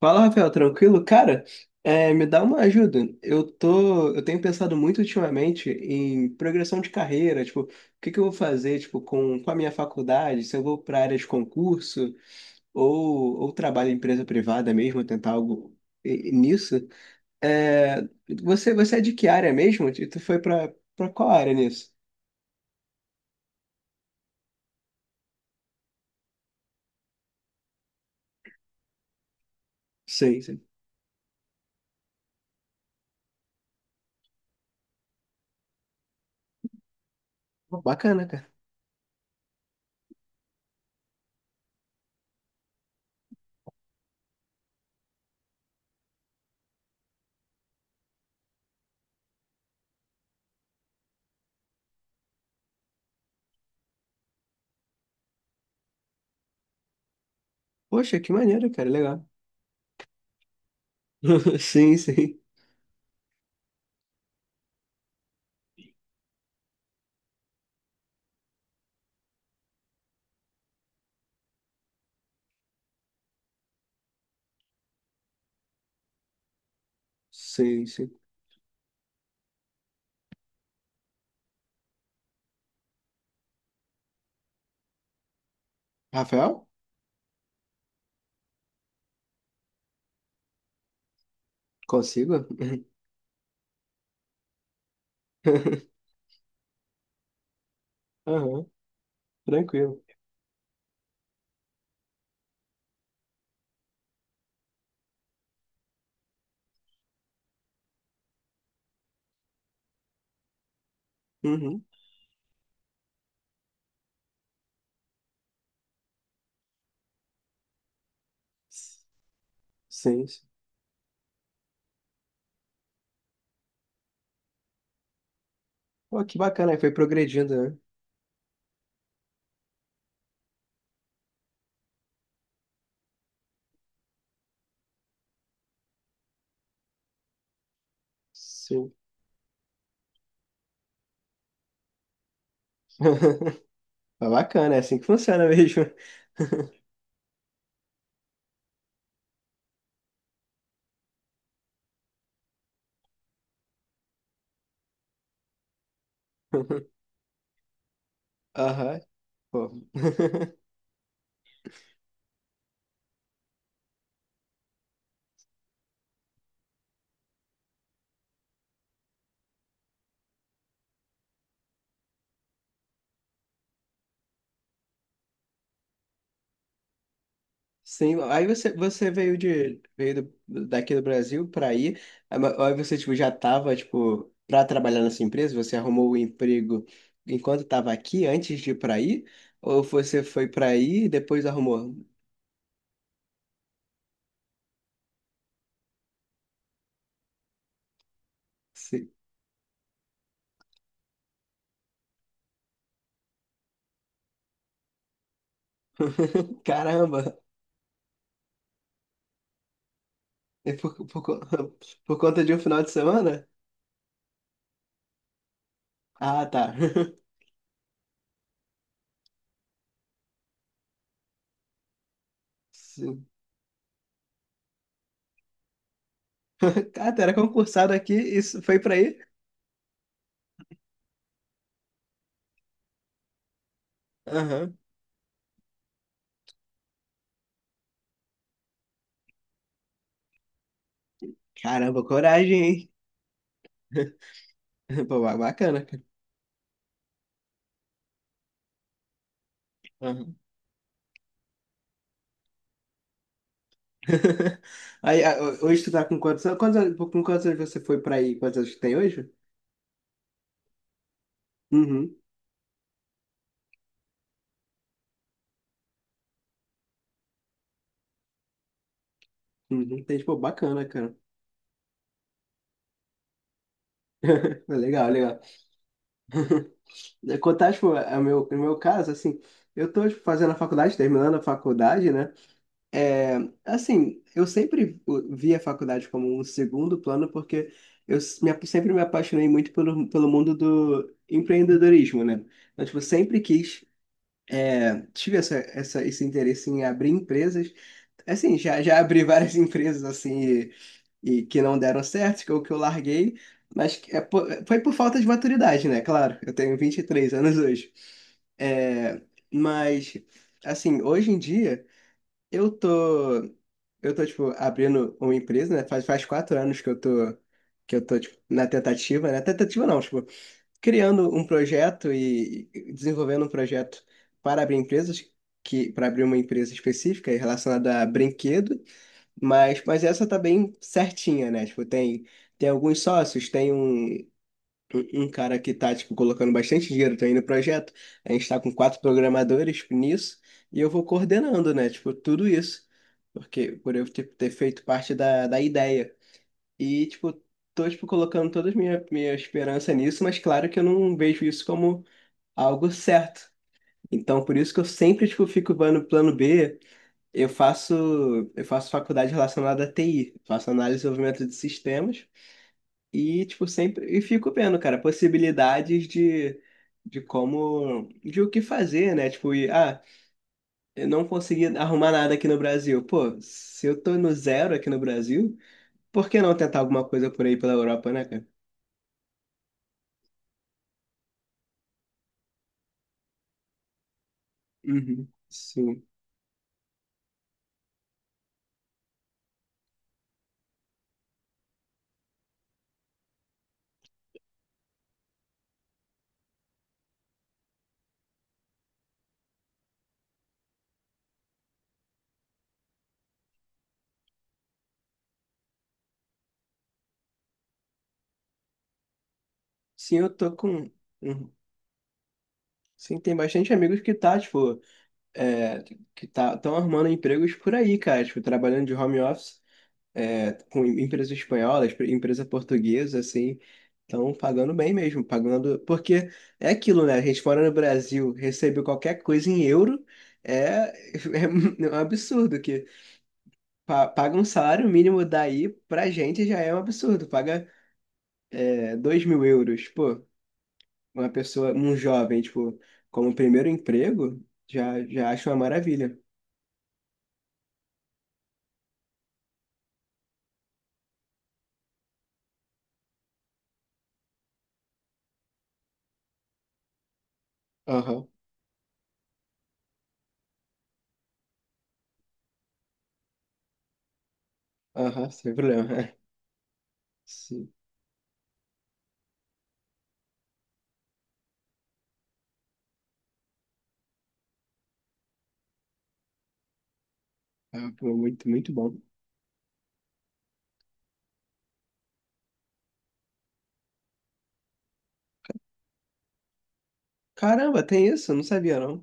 Fala, Rafael, tranquilo? Cara, é, me dá uma ajuda. Eu tenho pensado muito ultimamente em progressão de carreira, tipo, o que que eu vou fazer, tipo, com a minha faculdade, se eu vou para área de concurso ou trabalho em empresa privada mesmo, tentar algo e nisso. É, você é de que área mesmo? E tu foi para qual área nisso? Sei, sei. Pô, bacana, cara. Poxa, que maneiro, cara, legal. Sim, sim. Sim, sim. Rafael? Consigo? Aham. Tranquilo. Uhum. Sim, sim. Pô, que bacana, aí foi progredindo, né? Sim. Mas bacana, é assim que funciona mesmo. Aham, pô. Sim, aí você veio daqui do Brasil para aí, aí você tipo já tava tipo para trabalhar nessa empresa, você arrumou o emprego enquanto estava aqui antes de ir para aí, ou você foi para aí e depois arrumou? Sim. Caramba. E por conta de um final de semana? Ah, tá. Sim. Cara, tu era concursado aqui, isso foi pra aí? Aham. Caramba, coragem, hein? Pô, bacana, cara. Aham. Aí, ah, hoje tu tá com quantos anos? Com quantos anos você foi pra aí? Quantos anos que tem hoje? Uhum. Uhum. Entendi. Pô, bacana, cara. Legal, legal. Contar, tipo, o meu caso, assim, eu tô, tipo, fazendo a faculdade, terminando a faculdade, né? É, assim, eu sempre vi a faculdade como um segundo plano, porque sempre me apaixonei muito pelo mundo do empreendedorismo, né? Então, tipo, sempre quis, é, tive esse interesse em abrir empresas. Assim, já abri várias empresas, assim, e que não deram certo, que eu larguei, mas que foi por falta de maturidade, né? Claro, eu tenho 23 anos hoje. É, mas, assim, hoje em dia. Eu tô, eu tô, tipo, abrindo uma empresa, né? Faz 4 anos que eu tô, tipo, na tentativa, né? Tentativa não, tipo, criando um projeto e desenvolvendo um projeto para abrir empresas, que, para abrir uma empresa específica e relacionada a brinquedo, mas essa tá bem certinha, né? Tipo, tem alguns sócios, tem um cara que tá, tipo, colocando bastante dinheiro também no projeto. A gente tá com quatro programadores nisso e eu vou coordenando, né? Tipo, tudo isso. Porque por eu ter feito parte da ideia. E, tipo, tô, tipo, colocando toda a minha esperança nisso, mas claro que eu não vejo isso como algo certo. Então, por isso que eu sempre, tipo, fico no plano B. Eu faço, eu faço faculdade relacionada à TI, faço análise e desenvolvimento de sistemas. E, tipo, sempre. E fico vendo, cara, possibilidades de como. De o que fazer, né? Tipo, e, ah, eu não consegui arrumar nada aqui no Brasil. Pô, se eu tô no zero aqui no Brasil, por que não tentar alguma coisa por aí pela Europa, né, cara? Uhum. Sim. Sim, eu tô com. Uhum. Sim, tem bastante amigos que tá, tipo, é, que tá, estão arrumando empregos por aí, cara, tipo, trabalhando de home office. É, com empresas espanholas, empresa portuguesa, assim, estão pagando bem mesmo, pagando. Porque é aquilo, né? A gente fora no Brasil, recebe qualquer coisa em euro, é, é um absurdo que paga um salário mínimo daí pra gente já é um absurdo. Paga é, 2 mil euros, pô, uma pessoa, um jovem, tipo, como primeiro emprego, já acho uma maravilha. Aham, aham, sem problema. Sim, é, pô, muito, muito bom. Caramba, tem isso? Eu não sabia, não.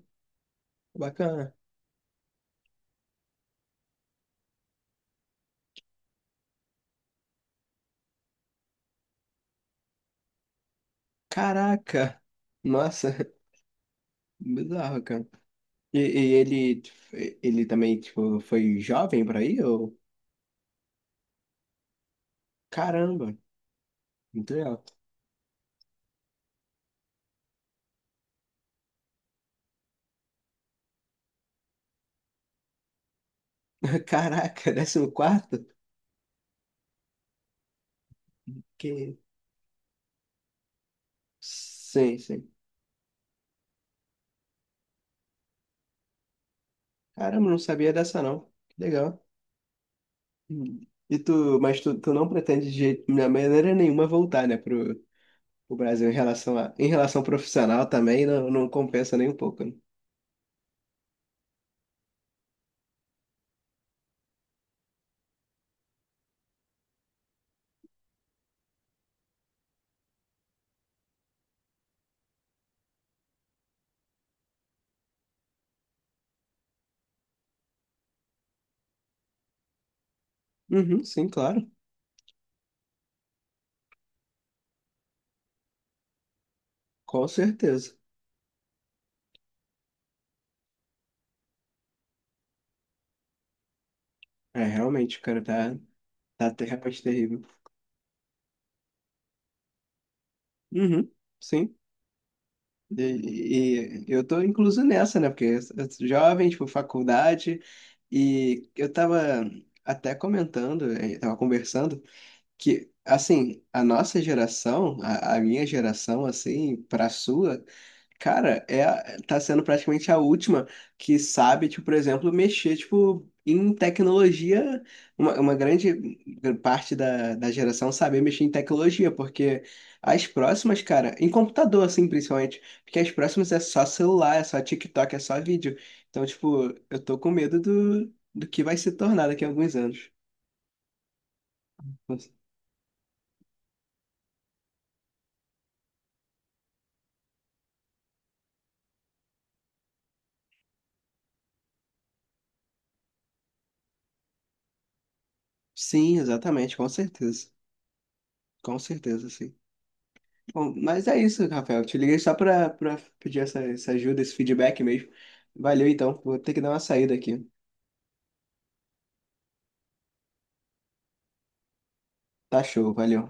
Bacana. Caraca! Nossa, bizarro, cara. E ele também, tipo, foi jovem por aí? Ou... Caramba, muito legal. Caraca, décimo quarto? Que... Sim, sim. Caramba, não sabia dessa, não. Que legal. Hum. Mas tu não pretende de maneira nenhuma voltar, né, pro, Brasil em relação em relação profissional também, não, não compensa nem um pouco, né? Uhum, sim, claro. Com certeza. É, realmente, o cara tá. Da Terra é Parte Terrível. Uhum, sim. E eu tô incluso nessa, né? Porque eu sou jovem, tipo, faculdade, e eu tava até comentando, tava conversando, que, assim, a nossa geração, a minha geração, assim, pra sua, cara, é, tá sendo praticamente a última que sabe, tipo, por exemplo, mexer, tipo, em tecnologia. Uma grande parte da geração saber mexer em tecnologia, porque as próximas, cara, em computador, assim, principalmente, porque as próximas é só celular, é só TikTok, é só vídeo. Então, tipo, eu tô com medo do que vai se tornar daqui a alguns anos. Sim, exatamente, com certeza. Com certeza, sim. Bom, mas é isso, Rafael. Te liguei só pra, pedir essa ajuda, esse feedback mesmo. Valeu, então. Vou ter que dar uma saída aqui. Tá show, valeu.